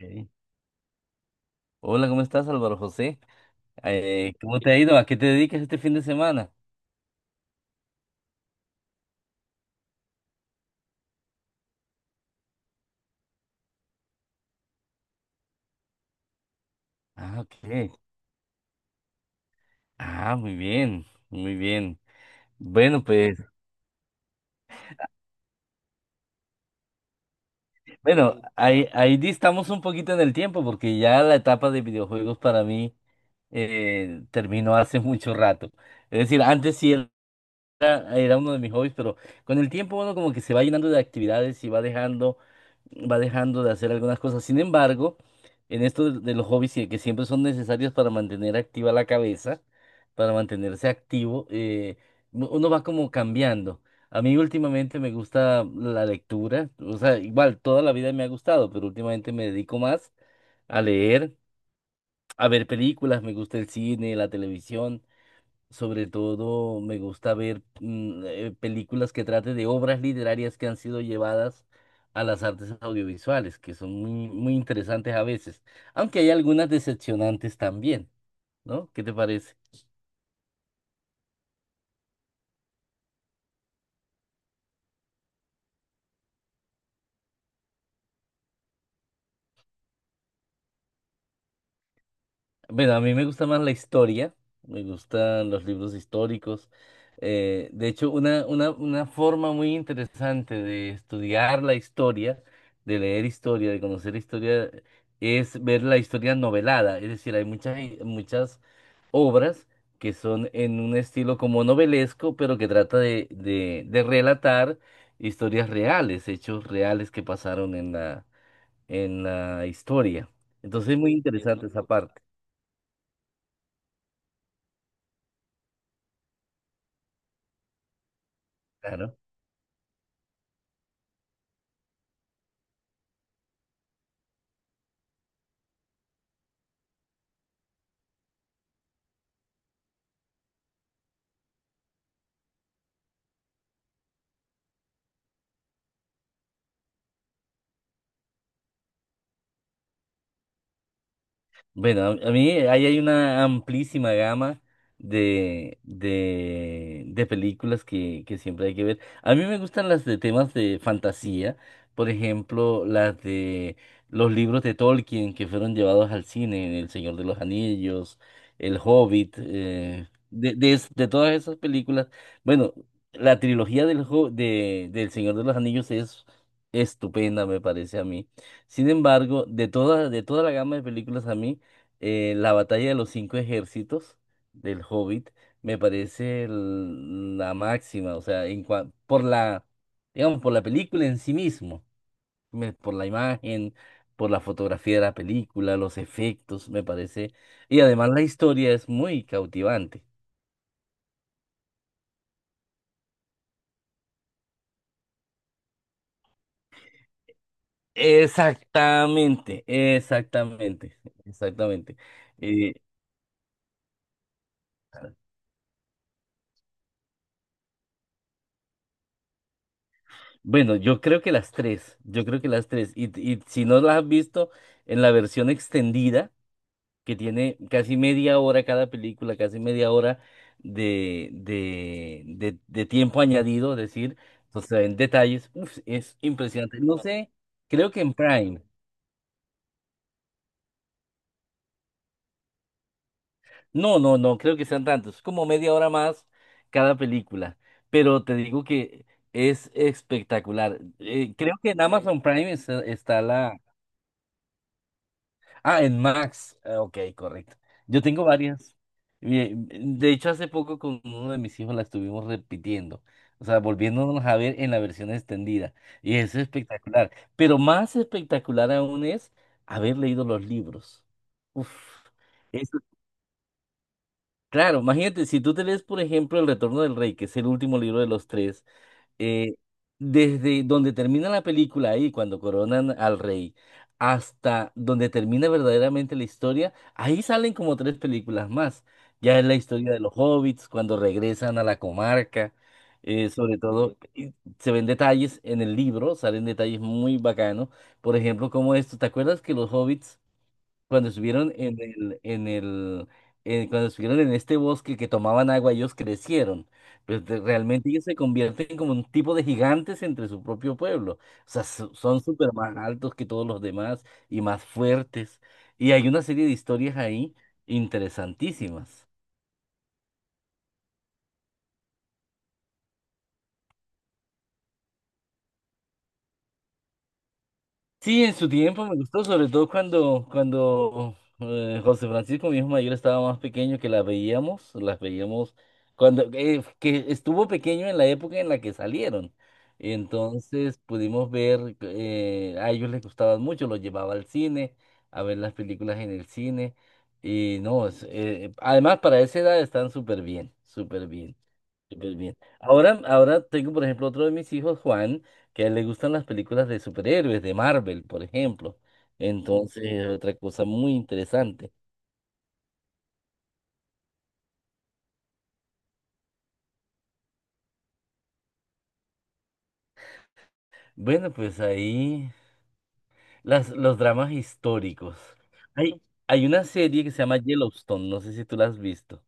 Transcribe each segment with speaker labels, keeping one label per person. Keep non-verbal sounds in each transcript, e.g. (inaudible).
Speaker 1: Ok. Hola, ¿cómo estás, Álvaro José? ¿Cómo te ha ido? ¿A qué te dedicas este fin de semana? Ah, ok. Ah, muy bien, muy bien. Bueno, pues, bueno, ahí, ahí distamos un poquito en el tiempo porque ya la etapa de videojuegos para mí terminó hace mucho rato. Es decir, antes sí era uno de mis hobbies, pero con el tiempo uno como que se va llenando de actividades y va dejando de hacer algunas cosas. Sin embargo, en esto de los hobbies que siempre son necesarios para mantener activa la cabeza, para mantenerse activo, uno va como cambiando. A mí últimamente me gusta la lectura, o sea, igual toda la vida me ha gustado, pero últimamente me dedico más a leer, a ver películas, me gusta el cine, la televisión. Sobre todo me gusta ver películas que traten de obras literarias que han sido llevadas a las artes audiovisuales, que son muy, muy interesantes a veces, aunque hay algunas decepcionantes también, ¿no? ¿Qué te parece? Bueno, a mí me gusta más la historia, me gustan los libros históricos. De hecho, una forma muy interesante de estudiar la historia, de leer historia, de conocer historia, es ver la historia novelada. Es decir, hay muchas, muchas obras que son en un estilo como novelesco, pero que trata de relatar historias reales, hechos reales que pasaron en la historia. Entonces es muy interesante esa parte. Claro. Bueno, a mí ahí hay una amplísima gama de películas que siempre hay que ver. A mí me gustan las de temas de fantasía, por ejemplo, las de los libros de Tolkien que fueron llevados al cine: El Señor de los Anillos, El Hobbit, de todas esas películas. Bueno, la trilogía del Señor de los Anillos es estupenda, me parece a mí. Sin embargo, de toda la gama de películas a mí, la batalla de los cinco ejércitos del Hobbit me parece la máxima, o sea, por la, digamos, por la película en sí mismo, por la imagen, por la fotografía de la película, los efectos, me parece, y además la historia es muy cautivante. Exactamente, exactamente, exactamente. Eh, bueno, yo creo que las tres, yo creo que las tres, y si no las has visto en la versión extendida, que tiene casi media hora cada película, casi media hora de tiempo añadido, es decir, entonces en detalles, uf, es impresionante. No sé, creo que en Prime. No, no, no, creo que sean tantos, como media hora más cada película, pero te digo que es espectacular. Creo que en Amazon Prime está, está la... Ah, en Max. Ah, ok, correcto. Yo tengo varias. De hecho, hace poco con uno de mis hijos la estuvimos repitiendo. O sea, volviéndonos a ver en la versión extendida. Y es espectacular. Pero más espectacular aún es haber leído los libros. Uf. Eso, claro, imagínate, si tú te lees, por ejemplo, El Retorno del Rey, que es el último libro de los tres, eh, desde donde termina la película ahí, cuando coronan al rey, hasta donde termina verdaderamente la historia, ahí salen como tres películas más. Ya es la historia de los hobbits, cuando regresan a la comarca, sobre todo, y se ven detalles en el libro, salen detalles muy bacanos. Por ejemplo, como esto, ¿te acuerdas que los hobbits cuando estuvieron cuando estuvieron en este bosque que tomaban agua, ellos crecieron. Realmente ellos se convierten como un tipo de gigantes entre su propio pueblo. O sea, son súper más altos que todos los demás y más fuertes. Y hay una serie de historias ahí interesantísimas. Sí, en su tiempo me gustó, sobre todo cuando José Francisco, mi hijo mayor, estaba más pequeño, que las veíamos cuando que estuvo pequeño en la época en la que salieron. Entonces pudimos ver, a ellos les gustaban mucho, los llevaba al cine, a ver las películas en el cine. Y no, además para esa edad están súper bien, súper bien. Y pues bien. Ahora, ahora tengo, por ejemplo, otro de mis hijos, Juan, que a él le gustan las películas de superhéroes, de Marvel, por ejemplo. Entonces, es otra cosa muy interesante. Bueno, pues ahí las, los dramas históricos. Hay, hay una serie que se llama Yellowstone, no sé si tú la has visto.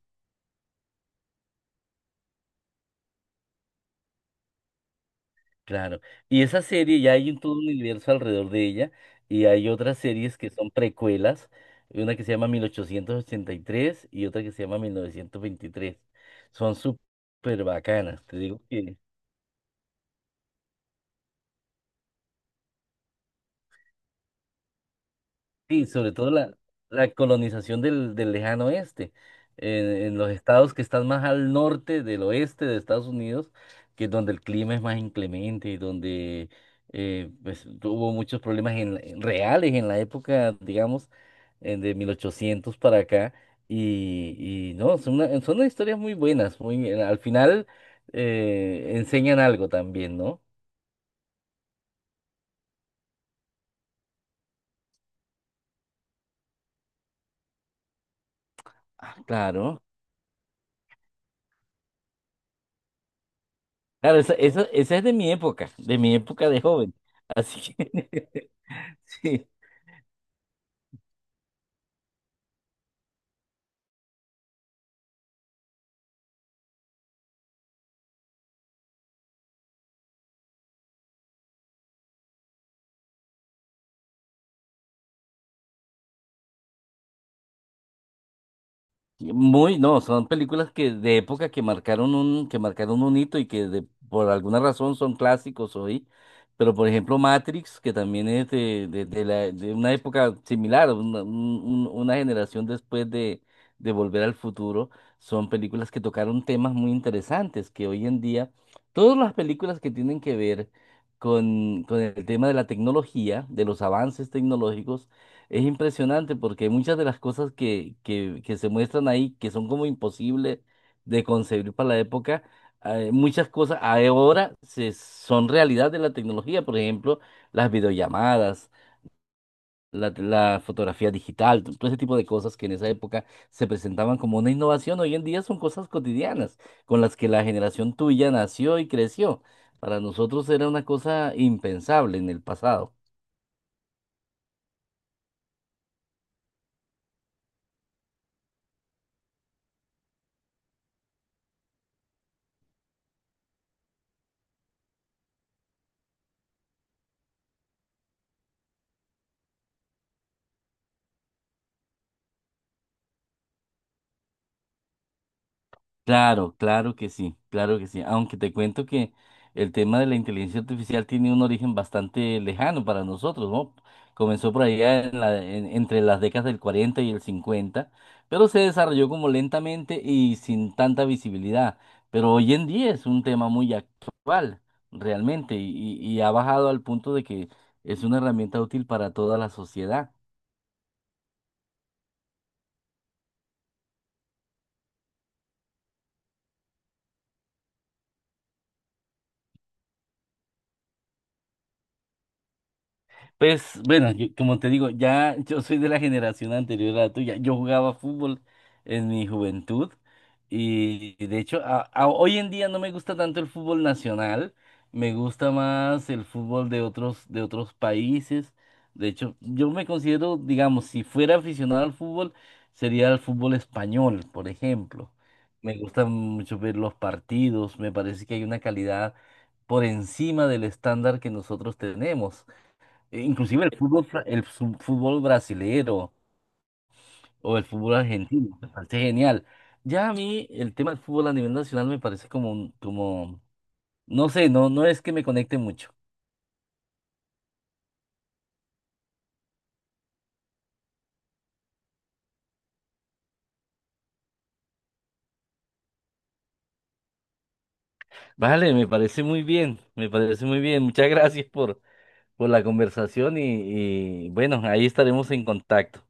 Speaker 1: Claro. Y esa serie ya hay un todo un universo alrededor de ella y hay otras series que son precuelas, una que se llama 1883 y otra que se llama 1923. Son súper bacanas, te digo que... Sí, sobre todo la, la colonización del lejano oeste, en los estados que están más al norte del oeste de Estados Unidos, que es donde el clima es más inclemente y donde pues, hubo muchos problemas en reales en la época, digamos, de 1800 para acá. Y no, son unas historias muy buenas, muy, al final enseñan algo también, ¿no? Ah, claro. Claro, esa es de mi época, de mi época de joven. Así que (laughs) sí, muy... No, son películas que de época que marcaron un hito y que por alguna razón son clásicos hoy. Pero por ejemplo Matrix, que también es de una época similar, una generación después de Volver al Futuro, son películas que tocaron temas muy interesantes, que hoy en día, todas las películas que tienen que ver con el tema de la tecnología, de los avances tecnológicos, es impresionante porque muchas de las cosas que se muestran ahí, que son como imposibles de concebir para la época, muchas cosas ahora son realidad de la tecnología, por ejemplo, las videollamadas, la fotografía digital, todo ese tipo de cosas que en esa época se presentaban como una innovación, hoy en día son cosas cotidianas con las que la generación tuya nació y creció. Para nosotros era una cosa impensable en el pasado. Claro, claro que sí, claro que sí. Aunque te cuento que el tema de la inteligencia artificial tiene un origen bastante lejano para nosotros, ¿no? Comenzó por allá entre las décadas del 40 y el 50, pero se desarrolló como lentamente y sin tanta visibilidad. Pero hoy en día es un tema muy actual, realmente, y ha bajado al punto de que es una herramienta útil para toda la sociedad. Pues bueno, como te digo, ya yo soy de la generación anterior a la tuya. Yo jugaba fútbol en mi juventud y de hecho hoy en día no me gusta tanto el fútbol nacional, me gusta más el fútbol de otros países. De hecho, yo me considero, digamos, si fuera aficionado al fútbol, sería el fútbol español, por ejemplo. Me gusta mucho ver los partidos, me parece que hay una calidad por encima del estándar que nosotros tenemos. E inclusive el fútbol, fútbol brasilero o el fútbol argentino, me parece genial. Ya a mí el tema del fútbol a nivel nacional me parece como, como, no sé, no, no es que me conecte mucho. Vale, me parece muy bien, me parece muy bien. Muchas gracias por la conversación y bueno, ahí estaremos en contacto.